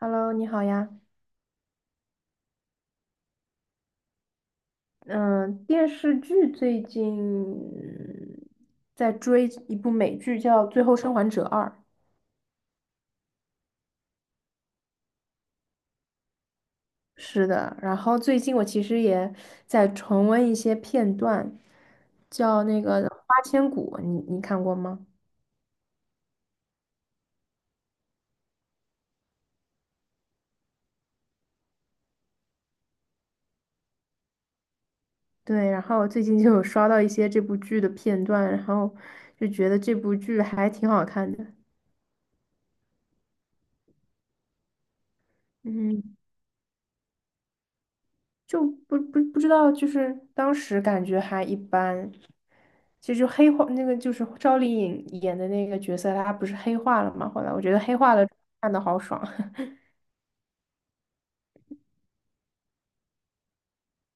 Hello，你好呀。嗯，电视剧最近在追一部美剧，叫《最后生还者二》。是的，然后最近我其实也在重温一些片段，叫那个《花千骨》，你看过吗？对，然后最近就有刷到一些这部剧的片段，然后就觉得这部剧还挺好看的。嗯。就不知道，就是当时感觉还一般。其实就黑化那个就是赵丽颖演的那个角色，她不是黑化了吗？后来我觉得黑化了看的好爽，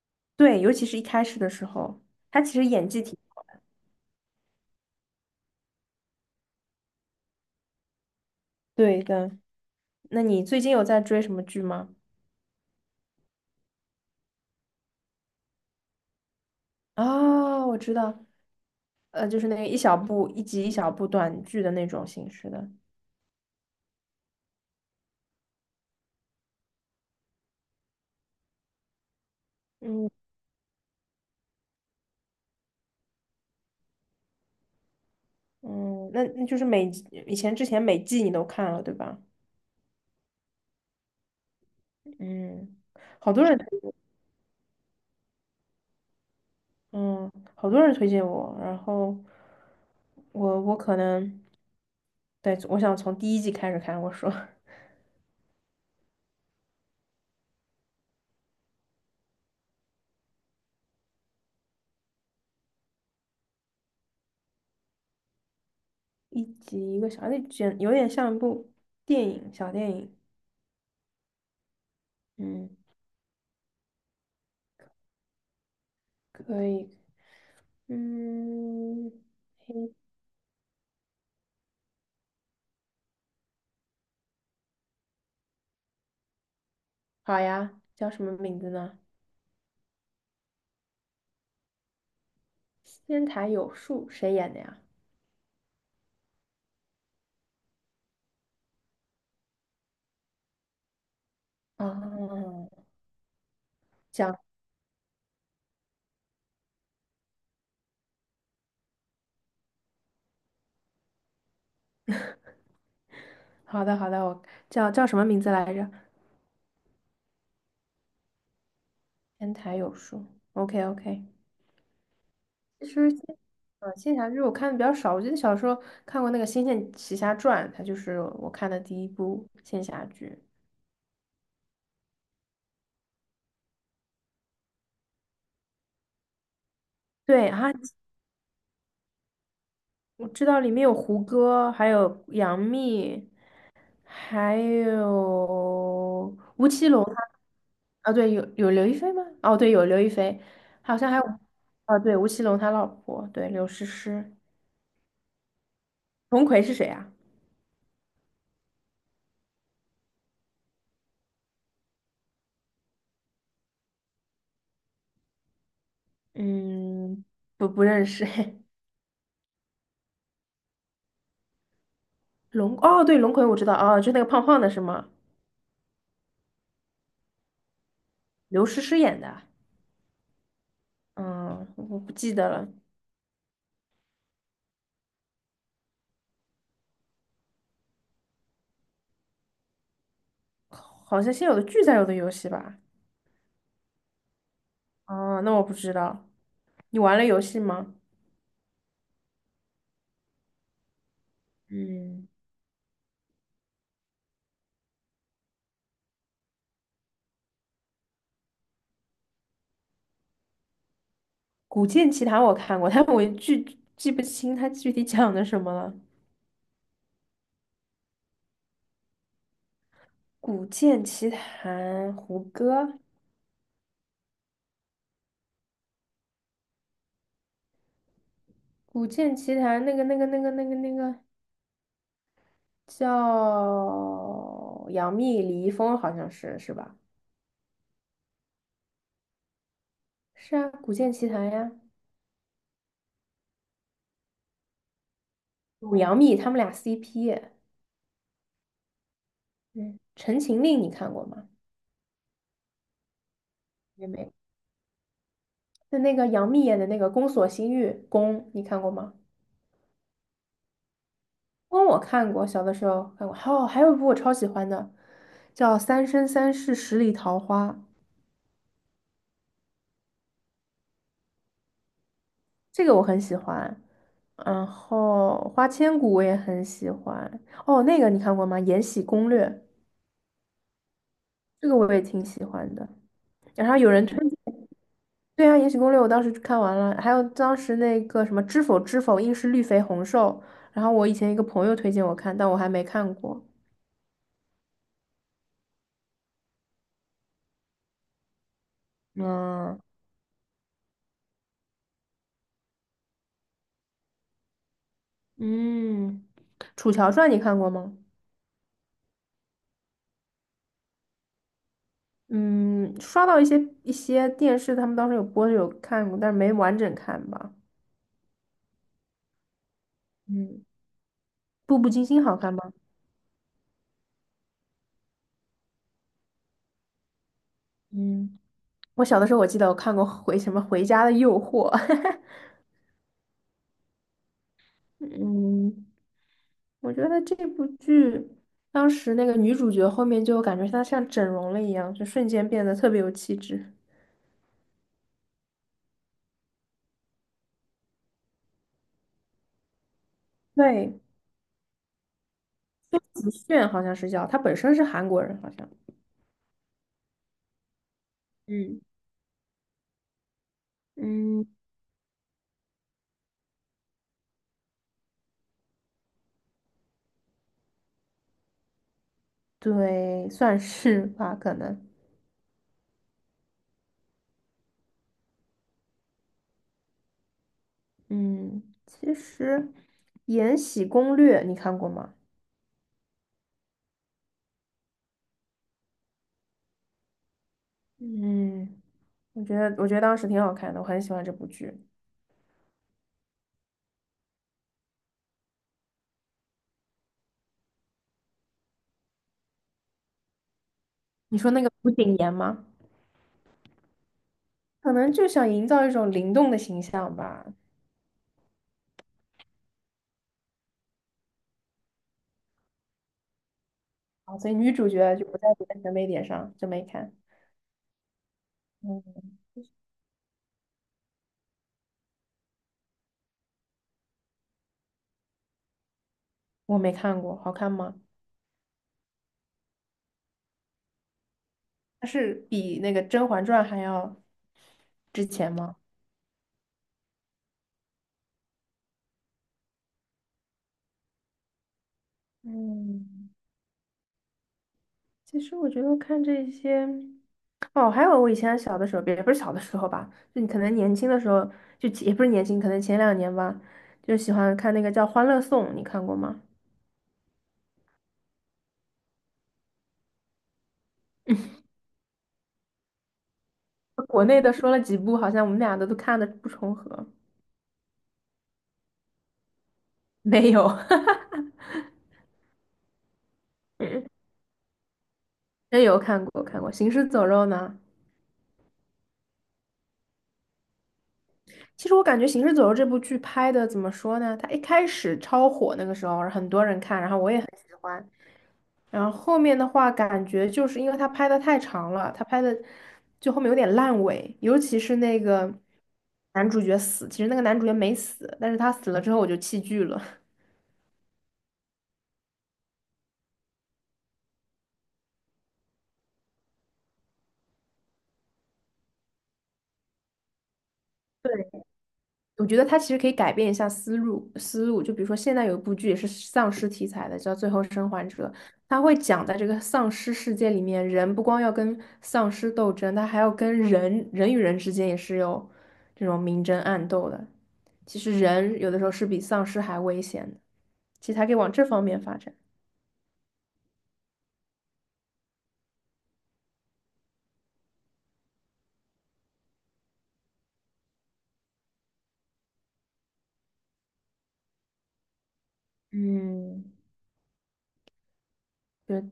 对，尤其是一开始的时候，她其实演技挺对的。那你最近有在追什么剧吗？哦，我知道，就是那个一小部一集一小部短剧的那种形式的。嗯嗯，那就是每集以前之前每季你都看了对吧？嗯，好多人。嗯，好多人推荐我，然后我可能，对，我想从第一季开始看。我说 一集一个小，那简有点像一部电影，小电影。嗯，可以，嗯，嘿好呀，叫什么名字呢？仙台有树，谁演的呀？哦，讲，好的好的，我叫什么名字来着？仙台有树，OK OK。其实仙，仙侠剧我看的比较少。我记得小时候看过那个《仙剑奇侠传》，它就是我看的第一部仙侠剧。对啊，我知道里面有胡歌，还有杨幂，还有吴奇隆他啊，对，有刘亦菲吗？哦，对，有刘亦菲，好像还有，啊，对，吴奇隆他老婆，对，刘诗诗。龙葵是谁啊？嗯，不认识。龙，哦，对，龙葵我知道，哦，就那个胖胖的是吗？刘诗诗演的，嗯，我不记得了，好像先有的剧才有的游戏吧？啊，那我不知道，你玩了游戏吗？嗯，《古剑奇谭》我看过，但我具记不清它具体讲的什么了。《古剑奇谭》胡歌，《古剑奇谭》那个叫杨幂、李易峰，好像是吧？是啊，《古剑奇谭》呀，有杨幂他们俩 CP。嗯，《陈情令》你看过吗？也没。就那个杨幂演的那个《宫锁心玉》，宫你看过吗？宫我看过，小的时候看过。还有一部我超喜欢的，叫《三生三世十里桃花》，这个我很喜欢。然后《花千骨》我也很喜欢。哦，那个你看过吗？《延禧攻略》这个我也挺喜欢的。然后有人推，对啊，《延禧攻略》我当时看完了，还有当时那个什么《知否知否，应是绿肥红瘦》，然后我以前一个朋友推荐我看，但我还没看过。嗯。嗯，《楚乔传》你看过吗？嗯，刷到一些电视，他们当时有播的有看过，但是没完整看吧。嗯，《步步惊心》好看吗？嗯，我小的时候我记得我看过回什么《回家的诱惑》嗯，我觉得这部剧当时那个女主角后面就感觉她像整容了一样，就瞬间变得特别有气质。对，子炫好像是叫，她本身是韩国人，好像。嗯。嗯，对，算是吧，可能。嗯，其实《延禧攻略》你看过吗？嗯，我觉得当时挺好看的，我很喜欢这部剧。你说那个吴谨言吗？可能就想营造一种灵动的形象吧。啊，所以女主角就不在别的审美点上，就没看。嗯，我没看过，好看吗？它是比那个《甄嬛传》还要值钱吗？嗯其实我觉得看这些，哦，还有我以前小的时候，也不是小的时候吧，就你可能年轻的时候，就也不是年轻，可能前两年吧，就喜欢看那个叫《欢乐颂》，你看过吗？国内的说了几部，好像我们俩的都看的不重合。没有，真有看过看过《行尸走肉》呢。其实我感觉《行尸走肉》这部剧拍的怎么说呢？它一开始超火那个时候，很多人看，然后我也很喜欢。然后后面的话，感觉就是因为他拍的太长了，他拍的就后面有点烂尾，尤其是那个男主角死，其实那个男主角没死，但是他死了之后我就弃剧了。对。我觉得它其实可以改变一下思路，就比如说现在有一部剧也是丧尸题材的，叫《最后生还者》，它会讲在这个丧尸世界里面，人不光要跟丧尸斗争，他还要跟人人与人之间也是有这种明争暗斗的。其实人有的时候是比丧尸还危险的，其实还可以往这方面发展。嗯，对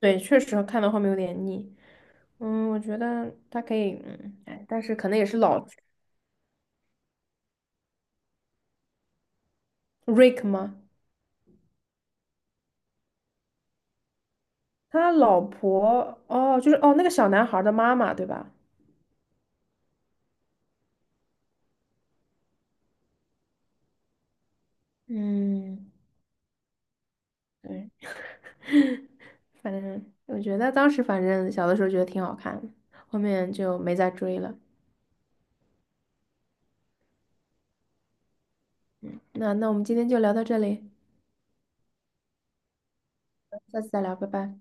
对，确实看到后面有点腻。嗯，我觉得它可以，嗯，哎，但是可能也是老 Rick 吗？他老婆哦，就是哦那个小男孩儿的妈妈对吧？嗯，对，反正我觉得当时反正小的时候觉得挺好看的后面就没再追了。那我们今天就聊到这里，下次再聊，拜拜。